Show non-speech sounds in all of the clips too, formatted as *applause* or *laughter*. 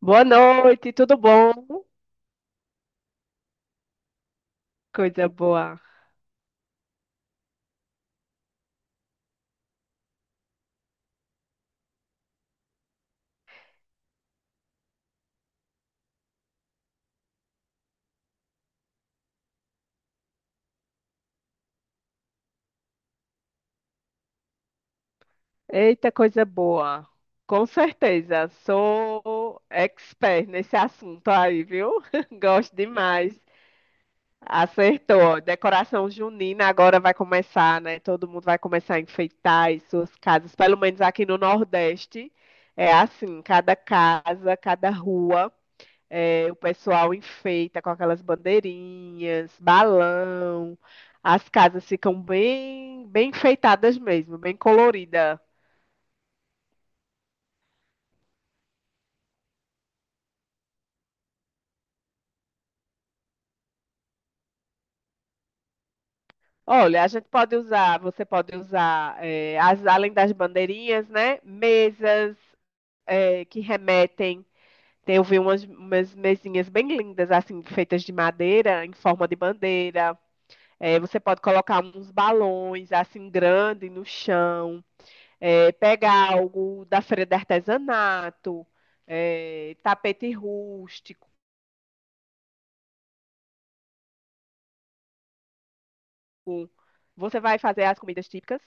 Boa noite, tudo bom? Coisa boa. Eita, coisa boa. Com certeza, sou expert nesse assunto aí, viu? *laughs* Gosto demais. Acertou. Decoração junina agora vai começar, né? Todo mundo vai começar a enfeitar as suas casas, pelo menos aqui no Nordeste. É assim, cada casa, cada rua. É, o pessoal enfeita com aquelas bandeirinhas, balão. As casas ficam bem enfeitadas mesmo, bem colorida. Olha, a gente pode usar, você pode usar, é, além das bandeirinhas, né? Mesas, é, que remetem. Tem, eu vi umas mesinhas bem lindas, assim, feitas de madeira, em forma de bandeira. É, você pode colocar uns balões, assim, grande no chão. É, pega algo da feira de artesanato, é, tapete rústico. Você vai fazer as comidas típicas?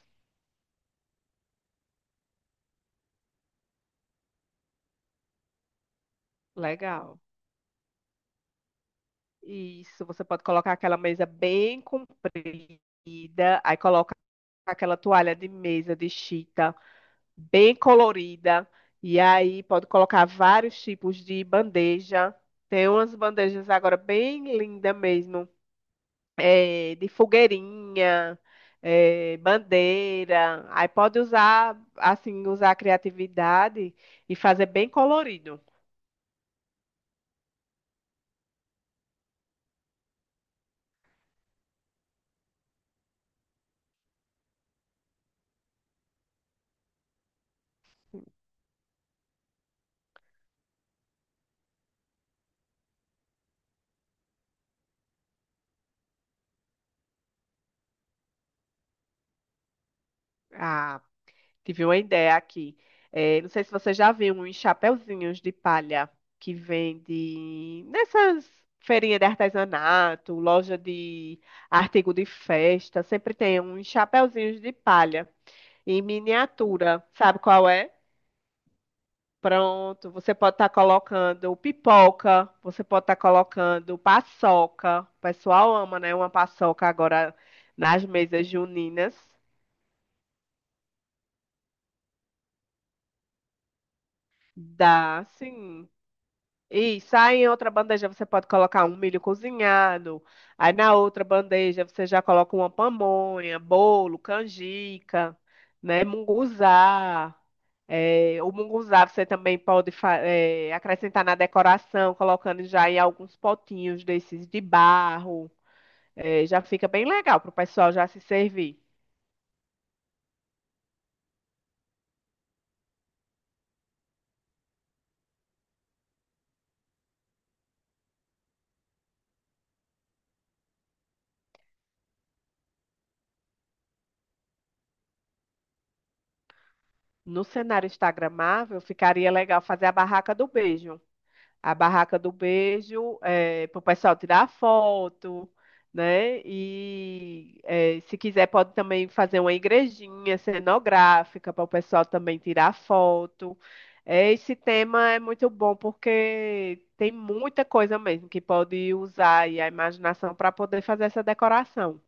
Legal. Isso, você pode colocar aquela mesa bem comprida, aí coloca aquela toalha de mesa de chita bem colorida, e aí pode colocar vários tipos de bandeja. Tem umas bandejas agora bem lindas mesmo. De fogueirinha, bandeira. Aí pode usar, usar a criatividade e fazer bem colorido. Ah, tive uma ideia aqui. Não sei se você já viu uns chapeuzinhos de palha que vende nessas feirinhas de artesanato, loja de artigo de festa. Sempre tem uns chapeuzinhos de palha em miniatura. Sabe qual é? Pronto, você pode estar colocando pipoca, você pode estar colocando paçoca. O pessoal ama, né? Uma paçoca agora nas mesas juninas. Dá, sim. Isso, aí em outra bandeja você pode colocar um milho cozinhado. Aí na outra bandeja você já coloca uma pamonha, bolo, canjica, né? Munguzá. É, o munguzá você também pode acrescentar na decoração, colocando já em alguns potinhos desses de barro. É, já fica bem legal para o pessoal já se servir. No cenário instagramável, ficaria legal fazer a barraca do beijo. Para o pessoal tirar foto, né? E se quiser pode também fazer uma igrejinha cenográfica para o pessoal também tirar foto. Esse tema é muito bom porque tem muita coisa mesmo que pode usar aí a imaginação para poder fazer essa decoração.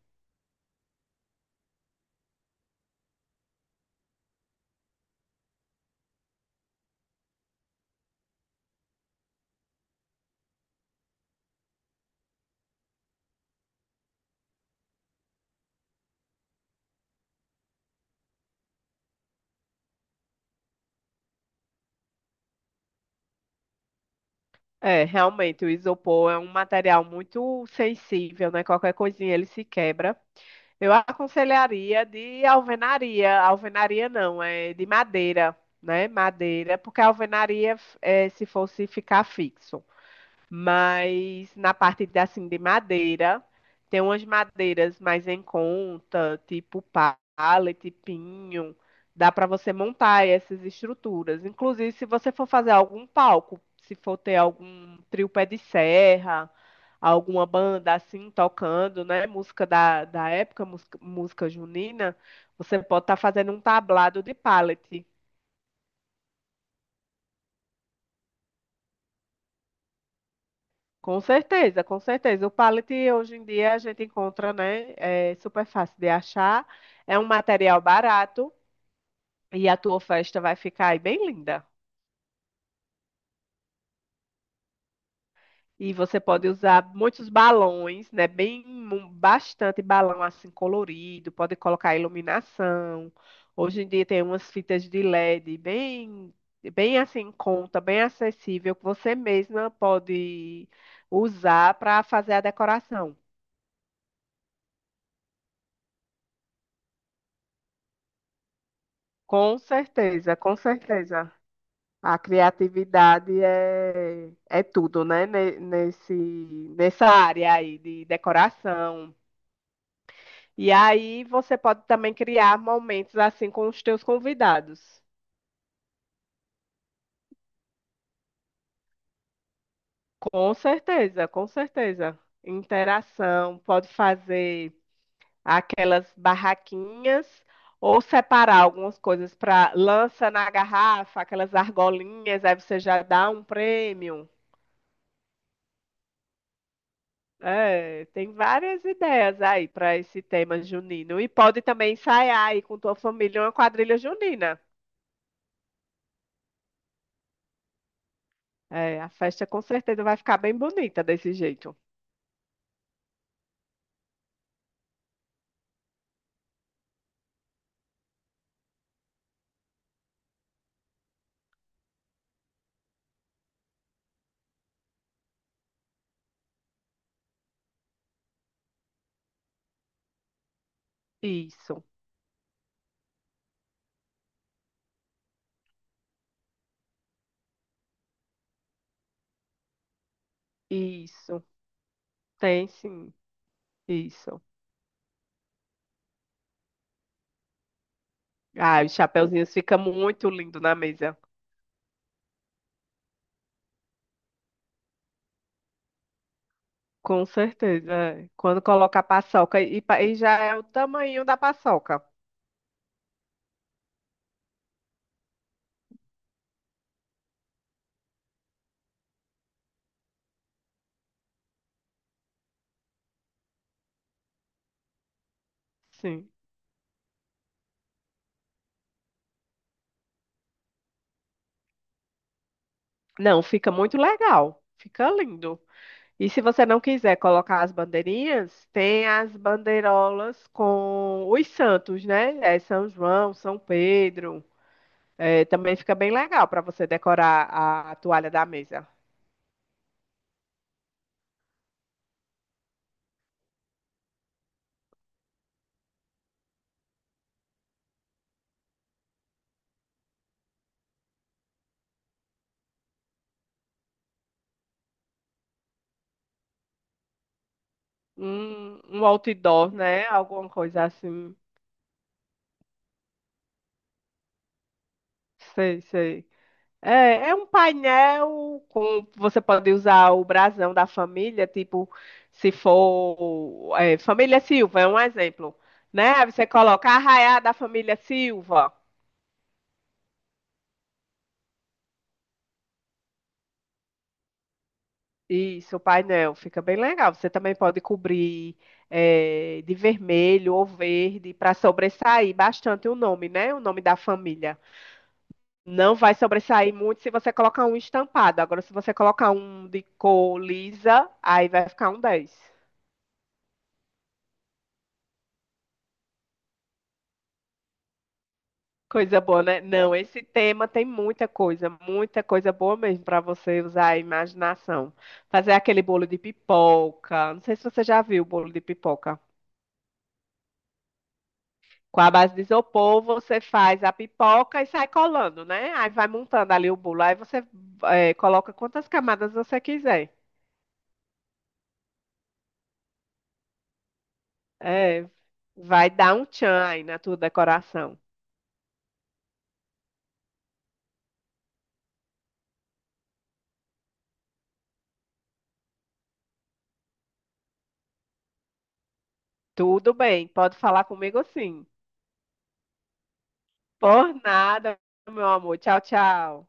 É, realmente, o isopor é um material muito sensível, né? Qualquer coisinha ele se quebra. Eu aconselharia de alvenaria. Alvenaria não, é de madeira, né? Madeira, porque a alvenaria, é, se fosse ficar fixo. Mas na parte de madeira, tem umas madeiras mais em conta, tipo pallet, pinho, dá para você montar essas estruturas. Inclusive, se você for fazer algum palco, se for ter algum trio pé de serra, alguma banda assim tocando, né, música da época, música junina, você pode estar fazendo um tablado de pallet. Com certeza, com certeza. O pallet hoje em dia a gente encontra, né? É super fácil de achar. É um material barato e a tua festa vai ficar aí bem linda. E você pode usar muitos balões, né? Bem, bastante balão assim colorido. Pode colocar iluminação. Hoje em dia tem umas fitas de LED bem assim em conta, bem acessível que você mesma pode usar para fazer a decoração. Com certeza, com certeza. A criatividade é tudo, né? Nessa área aí de decoração. E aí você pode também criar momentos assim com os teus convidados. Com certeza, com certeza. Interação, pode fazer aquelas barraquinhas ou separar algumas coisas para lança na garrafa, aquelas argolinhas, aí você já dá um prêmio. É, tem várias ideias aí para esse tema junino. E pode também ensaiar aí com tua família uma quadrilha junina. É, a festa com certeza vai ficar bem bonita desse jeito. Isso, isso. Tem sim, isso. Ah, os chapeuzinhos ficam muito lindo na mesa. Com certeza. É. Quando coloca a paçoca, e já é o tamanho da paçoca. Sim. Não, fica muito legal. Fica lindo. E se você não quiser colocar as bandeirinhas, tem as bandeirolas com os santos, né? É São João, São Pedro. É, também fica bem legal para você decorar a toalha da mesa. Um outdoor, né? Alguma coisa assim. Sei, sei. É, é um painel com você pode usar o brasão da família, tipo, se for é, família Silva, é um exemplo, né? Aí você coloca a arraiá da família Silva. Isso, o painel fica bem legal. Você também pode cobrir de vermelho ou verde para sobressair bastante o nome, né? O nome da família. Não vai sobressair muito se você colocar um estampado. Agora, se você colocar um de cor lisa, aí vai ficar um 10. Coisa boa, né? Não, esse tema tem muita coisa boa mesmo para você usar a imaginação. Fazer aquele bolo de pipoca. Não sei se você já viu o bolo de pipoca. Com a base de isopor, você faz a pipoca e sai colando, né? Aí vai montando ali o bolo. Aí você coloca quantas camadas você quiser. É, vai dar um tchan aí na tua decoração. Tudo bem, pode falar comigo sim. Por nada, meu amor. Tchau, tchau.